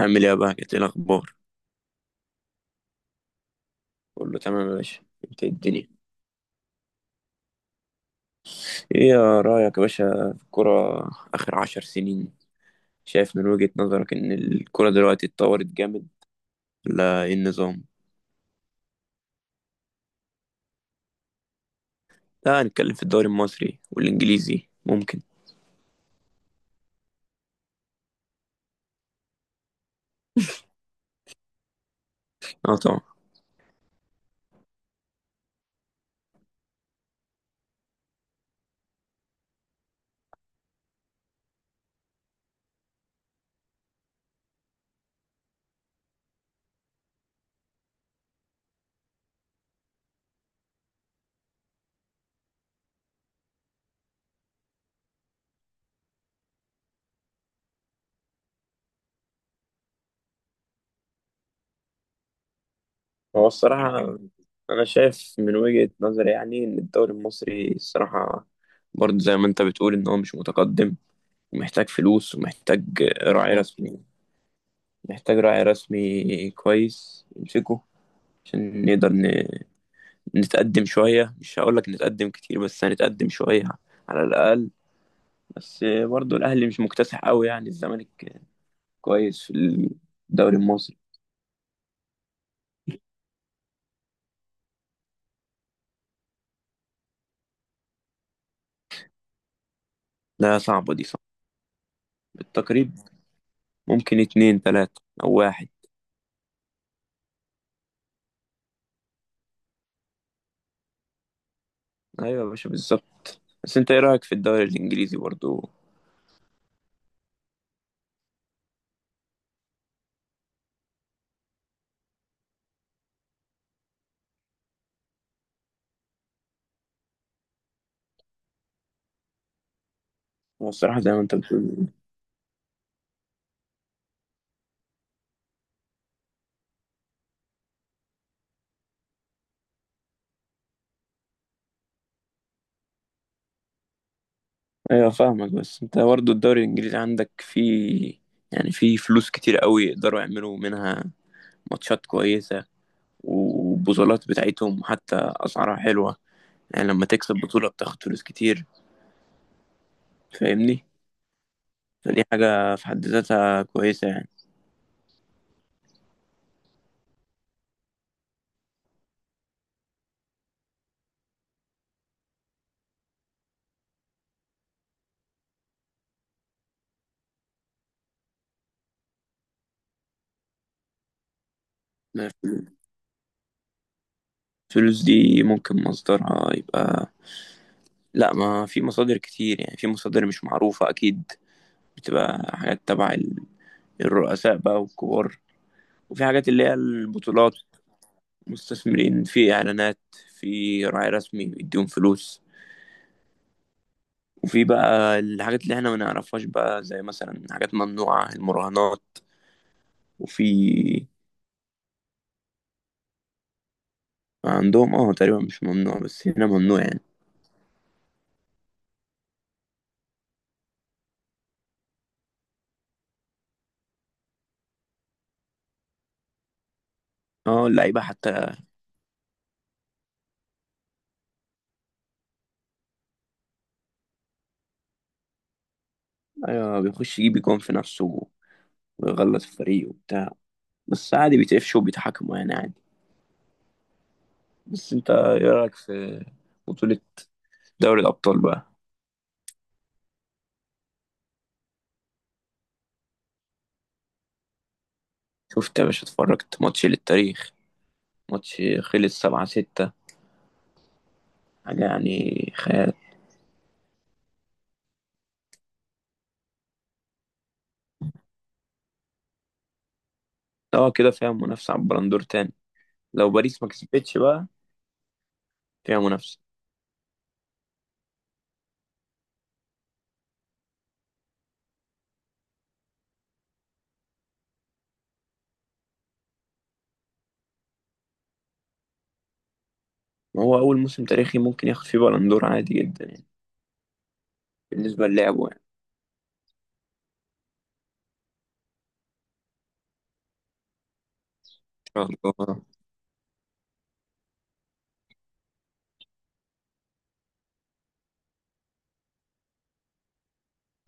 عامل ايه يا بقى، ايه الاخبار؟ كله تمام يا باشا. انت إيه الدنيا؟ ايه يا رايك يا باشا في الكرة اخر عشر سنين؟ شايف من وجهة نظرك ان الكرة دلوقتي اتطورت جامد ولا ايه النظام؟ لا، هنتكلم في الدوري المصري والانجليزي ممكن. اه طبعا. هو الصراحة أنا شايف من وجهة نظري يعني إن الدوري المصري الصراحة، برضه زي ما أنت بتقول، إن هو مش متقدم ومحتاج فلوس ومحتاج راعي رسمي. محتاج راعي رسمي كويس يمسكه عشان نقدر نتقدم شوية، مش هقولك نتقدم كتير بس هنتقدم شوية على الأقل. بس برضو الأهلي مش مكتسح قوي يعني، الزمالك كويس في الدوري المصري. لا، صعبة دي صعبة. بالتقريب ممكن اتنين تلاتة أو واحد. أيوة يا باشا بالظبط، بس أنت إيه رأيك في الدوري الإنجليزي برضو؟ هو الصراحة زي ما أنت بتقول. أيوة فاهمك، بس أنت برضو الدوري الإنجليزي عندك فيه يعني، فيه فلوس كتير قوي يقدروا يعملوا منها ماتشات كويسة، والبطولات بتاعتهم حتى أسعارها حلوة. يعني لما تكسب بطولة بتاخد فلوس كتير، فاهمني. فدي حاجة في حد ذاتها كويسة يعني. ما في- الفلوس دي ممكن مصدرها يبقى، لا، ما في مصادر كتير يعني، في مصادر مش معروفة أكيد. بتبقى حاجات تبع الرؤساء بقى والكبار، وفي حاجات اللي هي البطولات. مستثمرين في إعلانات، في راعي رسمي بيديهم فلوس. وفي بقى الحاجات اللي احنا ما نعرفهاش بقى، زي مثلا حاجات ممنوعة، المراهنات وفي. عندهم اه تقريبا مش ممنوع بس هنا ممنوع يعني. اه اللعيبة حتى. ايوه بيخش يجيب جون في نفسه ويغلط الفريق وبتاع. بس عادي بيتقفشوا وبيتحاكموا يعني، عادي. بس انت ايه رأيك في بطولة دوري الأبطال بقى؟ شفت يا باشا؟ اتفرجت ماتش للتاريخ. ماتش خلص سبعة ستة. حاجة يعني خيال. اه كده فيها منافسة على البلندور تاني. لو باريس ما كسبتش بقى، فيها منافسة. ما هو أول موسم تاريخي ممكن ياخد فيه بلندور عادي جدا يعني، بالنسبة للعبه يعني. ان شاء الله.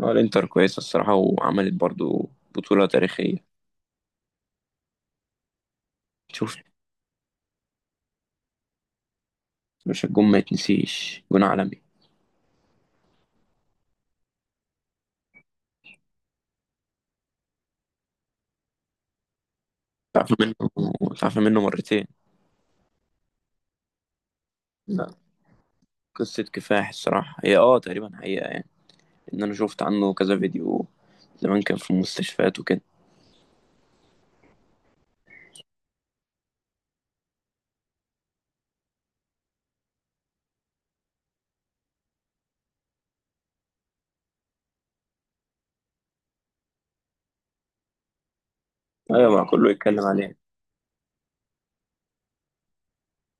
اه الانتر كويسة الصراحة، وعملت برضو بطولة تاريخية. شفت. مش الجون ما يتنسيش، جون عالمي. تعرف منه تعرف منه مرتين. لا، قصة كفاح الصراحة هي تقريبا حقيقة يعني، ان انا شفت عنه كذا فيديو، زمان كان في المستشفيات وكده. ايوه بقى كله يتكلم عليه.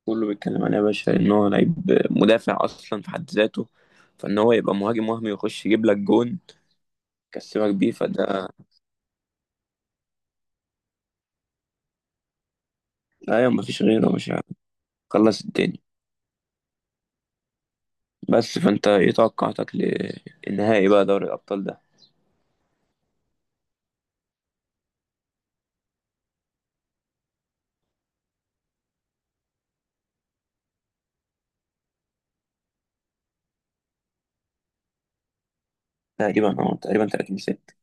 كله بيتكلم عليه يا باشا، ان هو لعيب مدافع اصلا في حد ذاته، فان هو يبقى مهاجم وهمي يخش يجيب لك جون يكسبك بيه، فده. ايوه مفيش غيره، مش عارف، خلص الدنيا. بس فانت ايه توقعاتك للنهائي بقى دوري الابطال ده؟ تقريبا 30 ست.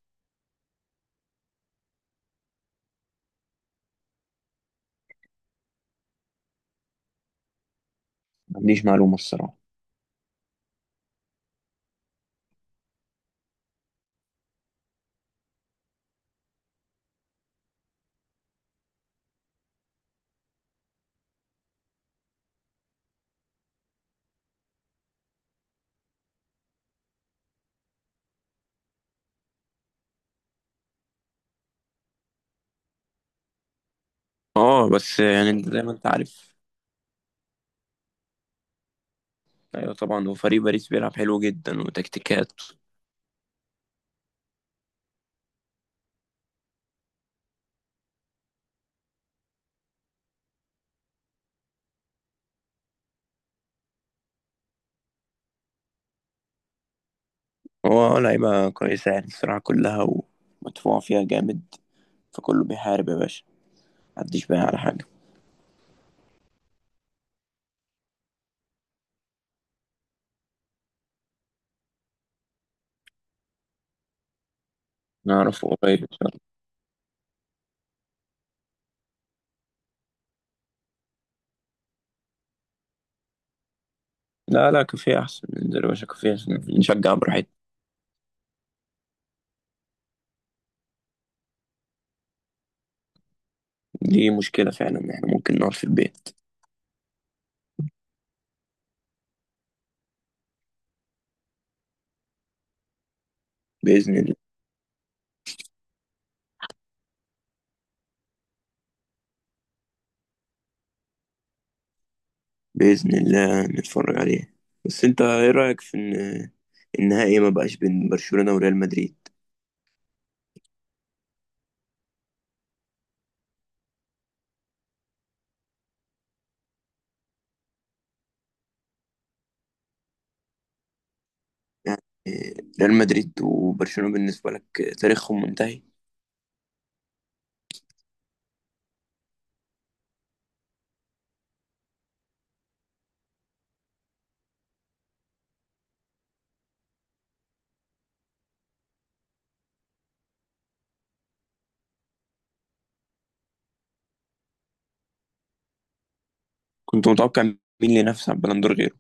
ما عنديش معلومه الصراحه. اه بس يعني انت زي ما انت عارف. ايوه طبعا، هو فريق باريس بيلعب حلو جدا وتكتيكات. هو لعيبه كويسه يعني الصراحه كلها، ومدفوع فيها جامد، فكله بيحارب يا باشا، محدش بايع على حاجه. نعرفه قريب ان شاء الله. لا لا، كافيه احسن، ننزل يا باشا كافيه عشان نشجع براحتنا. دي مشكله فعلا، ان احنا ممكن نقعد في البيت. باذن الله. بإذن الله نتفرج عليه. بس انت ايه رأيك في ان النهائي ما بقاش بين برشلونة وريال مدريد؟ يعني ريال مدريد وبرشلونة بالنسبة لك تاريخهم منتهي؟ كنت متوقع مين اللي ينافس على البالندور غيره؟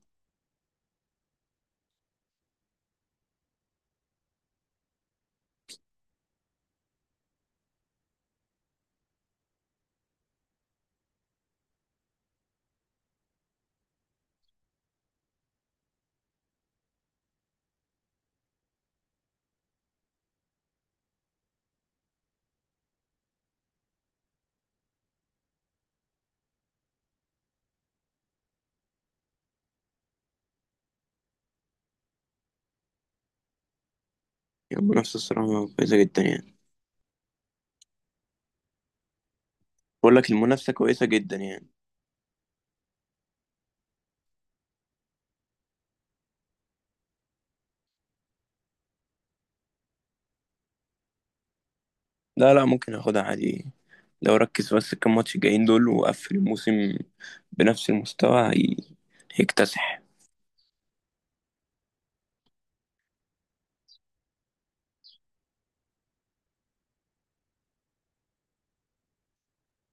يعني المنافسة الصراحة كويسة جدا يعني. بقول لك المنافسة كويسة جدا يعني. لا لا، ممكن اخدها عادي. لو ركز بس كام ماتش جايين دول وقفل الموسم بنفس المستوى، هيكتسح.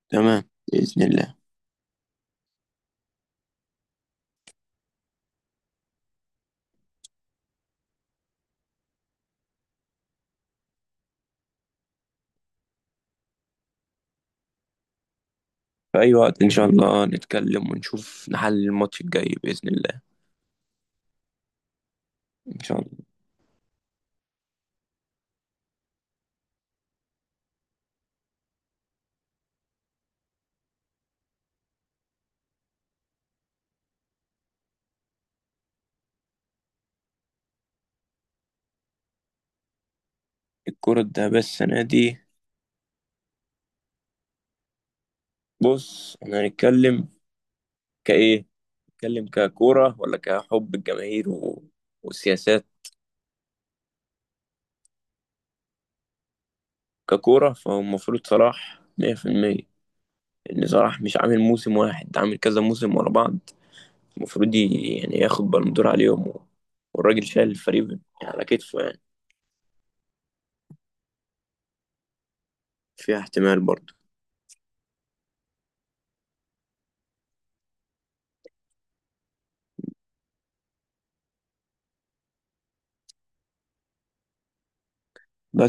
تمام، بإذن الله. في أي وقت إن شاء الله نتكلم ونشوف نحل الماتش الجاي بإذن الله. إن شاء الله. الكرة الذهبية السنة دي. بص، إحنا هنتكلم كإيه؟ نتكلم ككورة ولا كحب الجماهير والسياسات؟ ككورة فهو المفروض صلاح 100%. إن صلاح مش عامل موسم واحد، ده عامل كذا موسم ورا بعض. المفروض يعني ياخد بالون دور عليهم والراجل شايل الفريق يعني، على كتفه يعني. فيها احتمال برضه بس